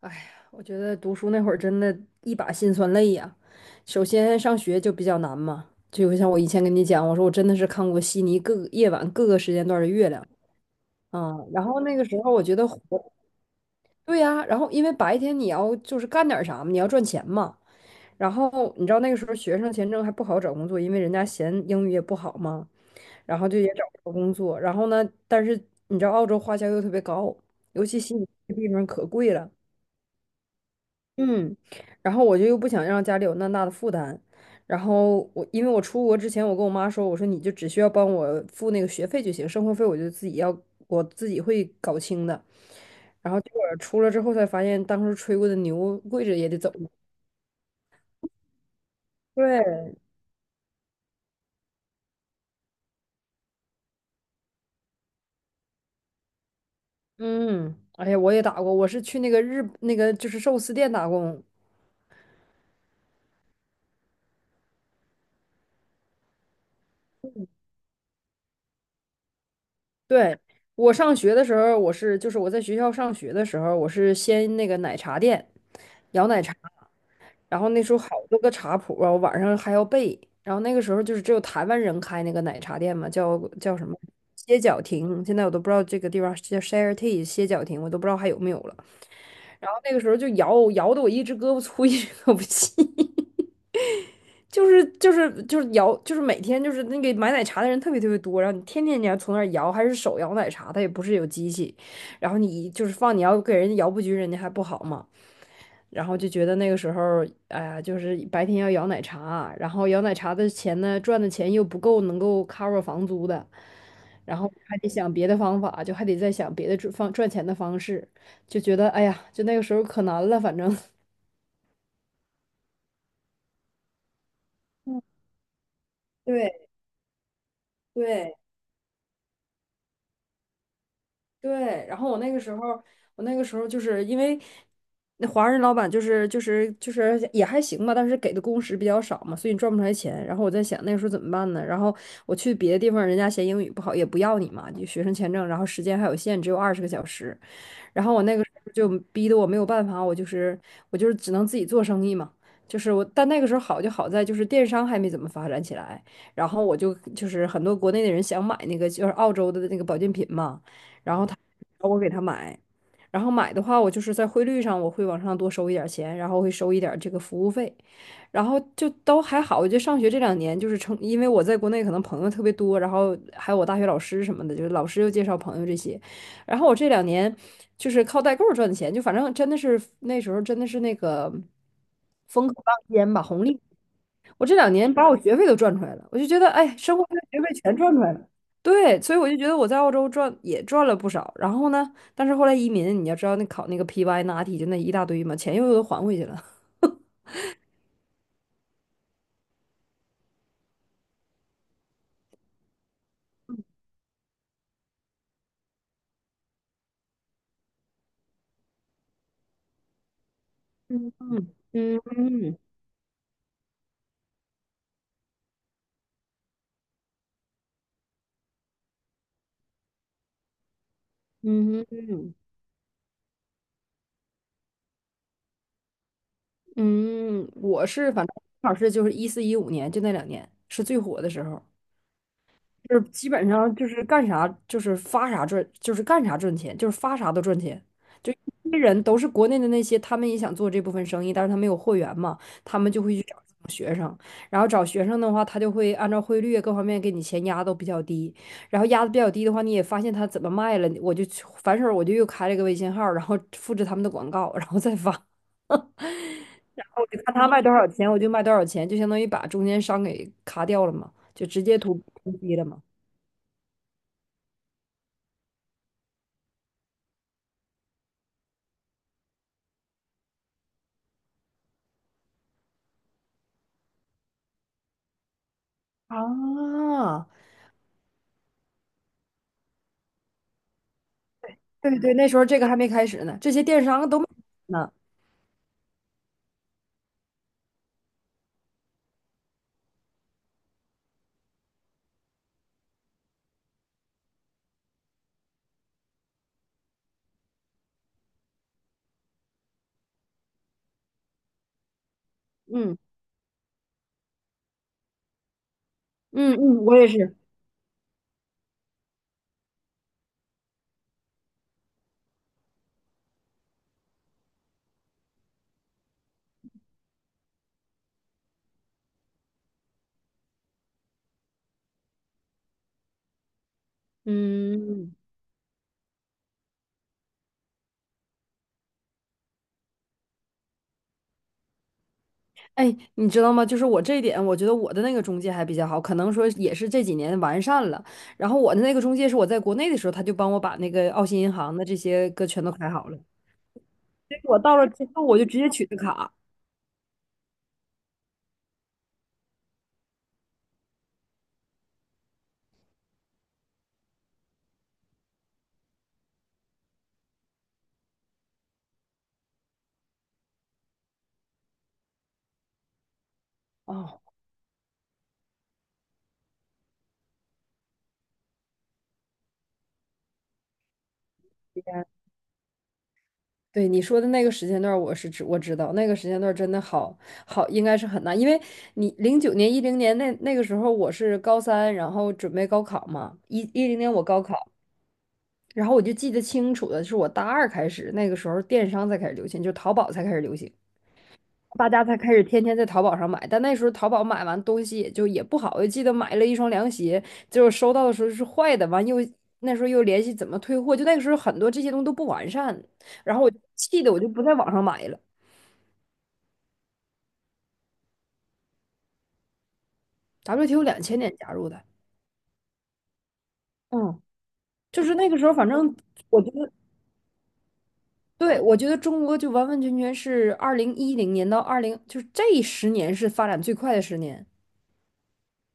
哎呀，我觉得读书那会儿真的一把辛酸泪呀。首先上学就比较难嘛，就像我以前跟你讲，我说我真的是看过悉尼各个夜晚各个时间段的月亮啊。然后那个时候我觉得活对呀，然后因为白天你要就是干点啥嘛，你要赚钱嘛。然后你知道那个时候学生签证还不好找工作，因为人家嫌英语也不好嘛，然后就也找不着工作。然后呢，但是你知道澳洲花销又特别高，尤其悉尼这个地方可贵了。嗯，然后我就又不想让家里有那么大的负担，然后因为我出国之前，我跟我妈说，我说你就只需要帮我付那个学费就行，生活费我就自己要，我自己会搞清的。然后结果出了之后才发现，当初吹过的牛跪着也得走。对。嗯。哎呀，我也打过，我是去那个日那个就是寿司店打工。对。我上学的时候，就是我在学校上学的时候，我是先那个奶茶店摇奶茶，然后那时候好多个茶谱啊，我晚上还要背。然后那个时候就是只有台湾人开那个奶茶店嘛，叫什么歇脚亭，现在我都不知道这个地方叫 Share Tea 歇脚亭，我都不知道还有没有了。然后那个时候就摇摇的我一只胳膊粗一只胳膊细。就是摇，就是每天就是那个买奶茶的人特别特别多，然后你天天你要从那儿摇，还是手摇奶茶，它也不是有机器，然后你就是放你要给人家摇不均，人家还不好嘛，然后就觉得那个时候，哎呀，就是白天要摇奶茶，然后摇奶茶的钱呢，赚的钱又不够能够 cover 房租的，然后还得想别的方法，就还得再想别的赚钱的方式，就觉得哎呀，就那个时候可难了，反正。对对。对。然后我那个时候就是因为那华人老板就是也还行吧，但是给的工时比较少嘛，所以你赚不出来钱。然后我在想那个时候怎么办呢？然后我去别的地方，人家嫌英语不好，也不要你嘛，就学生签证，然后时间还有限，只有20个小时。然后我那个时候就逼得我没有办法，我就是只能自己做生意嘛。就是我，但那个时候好就好在就是电商还没怎么发展起来，然后我就是很多国内的人想买那个就是澳洲的那个保健品嘛。我给他买，然后买的话，我就是在汇率上我会往上多收一点儿钱，然后会收一点儿这个服务费，然后就都还好。我觉得上学这两年就是成，因为我在国内可能朋友特别多，然后还有我大学老师什么的，就是老师又介绍朋友这些，然后我这两年就是靠代购赚的钱，就反正真的是那时候真的是那个风口浪尖吧，红利。我这两年把我学费都赚出来了，我就觉得，哎，生活费、学费全赚出来了。对，所以我就觉得我在澳洲赚也赚了不少。然后呢，但是后来移民，你要知道那考那个 PY、NAT 就那一大堆嘛，钱又都还回去了。嗯嗯嗯嗯。我是反正正好是就是14、15年就那两年是最火的时候。就是基本上就是干啥就是发啥赚，就是干啥赚钱，就是发啥都赚钱。就一些人都是国内的那些，他们也想做这部分生意，但是他没有货源嘛，他们就会去找这种学生，然后找学生的话，他就会按照汇率各方面给你钱压都比较低，然后压的比较低的话，你也发现他怎么卖了，我就去反手我就又开了个微信号，然后复制他们的广告，然后再发。我就看他卖多少钱，我就卖多少钱，就相当于把中间商给卡掉了嘛，就直接图低了嘛。啊。对对。那时候这个还没开始呢，这些电商都没呢。嗯嗯嗯，我也是。嗯，哎，你知道吗？就是我这一点，我觉得我的那个中介还比较好，可能说也是这几年完善了。然后我的那个中介是我在国内的时候，他就帮我把那个澳新银行的这些个全都开好了。结果到了之后，我就直接取的卡。哦，对你说的那个时间段儿我知道那个时间段儿真的好好，应该是很难，因为你09年、一零年那个时候我是高三，然后准备高考嘛，一零年我高考，然后我就记得清楚的是我大二开始，那个时候电商才开始流行，就淘宝才开始流行，大家才开始天天在淘宝上买，但那时候淘宝买完东西也就也不好，我记得买了一双凉鞋，就果收到的时候是坏的，完又那时候又联系怎么退货，就那个时候很多这些东西都不完善，然后气的我就不在网上买了。WTO 2000年加入的。嗯，就是那个时候，反正我觉得，对，我觉得中国就完完全全是2010年到二零，就是这十年是发展最快的十年。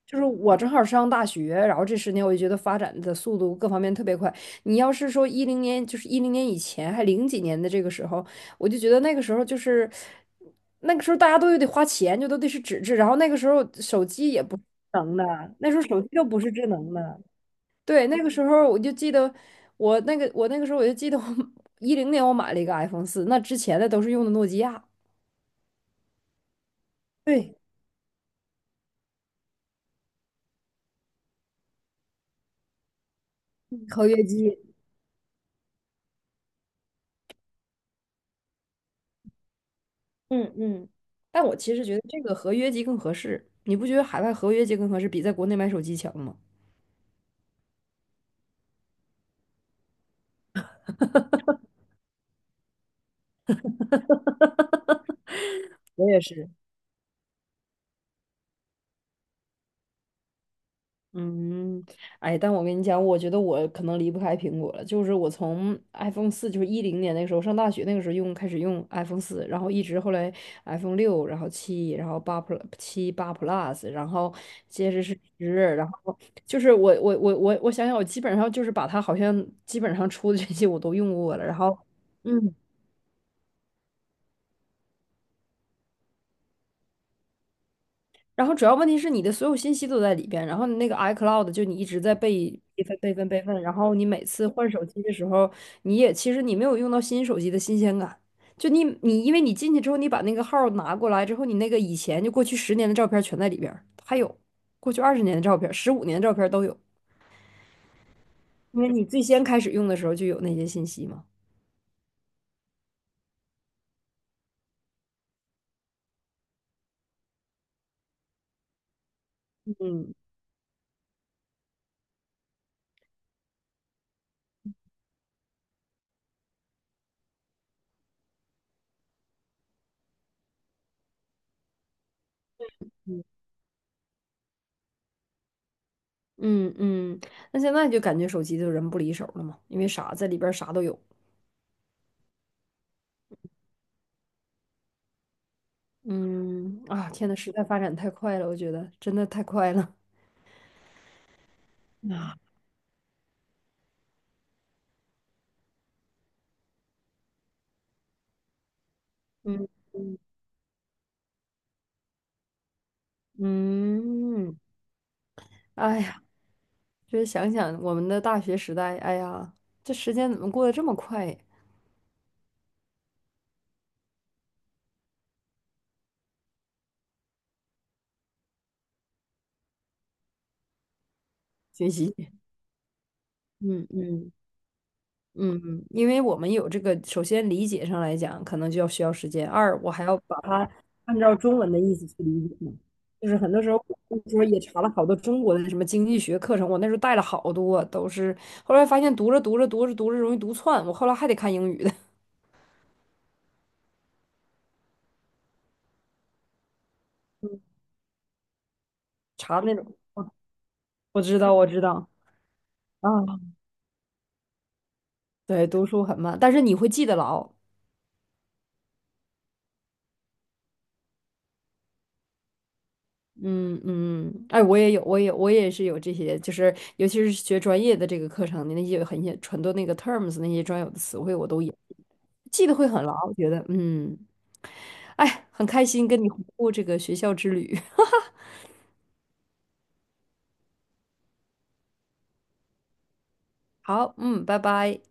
就是我正好上大学，然后这十年我就觉得发展的速度各方面特别快。你要是说一零年，就是一零年以前，还零几年的这个时候，我就觉得那个时候就是那个时候大家都有得花钱，就都得是纸质，然后那个时候手机也不是智能的，那时候手机又不是智能的。对，那个时候我就记得我那个时候我就记得我 10年我买了一个 iPhone 四，那之前的都是用的诺基亚。对，合 约机。嗯嗯，但我其实觉得这个合约机更合适，你不觉得海外合约机更合适，比在国内买手机强吗？我也是。嗯，哎，但我跟你讲，我觉得我可能离不开苹果了。就是我从 iPhone 四，就是10年那个时候上大学那个时候用，开始用 iPhone 四，然后一直后来 iPhone 6，然后七，然后八 Plus 七八 Plus,然后接着是十，然后就是我想想，我基本上就是把它好像基本上出的这些我都用过了，然后。嗯。然后主要问题是你的所有信息都在里边，然后你那个 iCloud 就你一直在备份备份备份，然后你每次换手机的时候，你也其实你没有用到新手机的新鲜感，就因为你进去之后，你把那个号拿过来之后，你那个以前就过去10年的照片全在里边儿还有过去20年的照片、15年的照片都有，因为你最先开始用的时候就有那些信息嘛。嗯嗯嗯，那现在就感觉手机就人不离手了嘛，因为啥在里边儿啥都有。嗯，啊，天呐，时代发展太快了，我觉得真的太快了。嗯嗯，哎呀，就是想想我们的大学时代，哎呀，这时间怎么过得这么快呀学习。嗯嗯嗯，因为我们有这个，首先理解上来讲，可能就要需要时间；二，我还要把它按照中文的意思去理解嘛就是很多时候，我那时候也查了好多中国的什么经济学课程，我那时候带了好多，都是后来发现读着读着读着读着容易读串，我后来还得看英语。的。查的那种。我知道，我知道啊，对，读书很慢，但是你会记得牢。嗯嗯，哎，我也有，我也是有这些，就是尤其是学专业的这个课程，那些很多那个 terms 那些专有的词汇，我都也记得会很牢。我觉得，嗯，哎，很开心跟你回顾这个学校之旅。好，嗯，拜拜。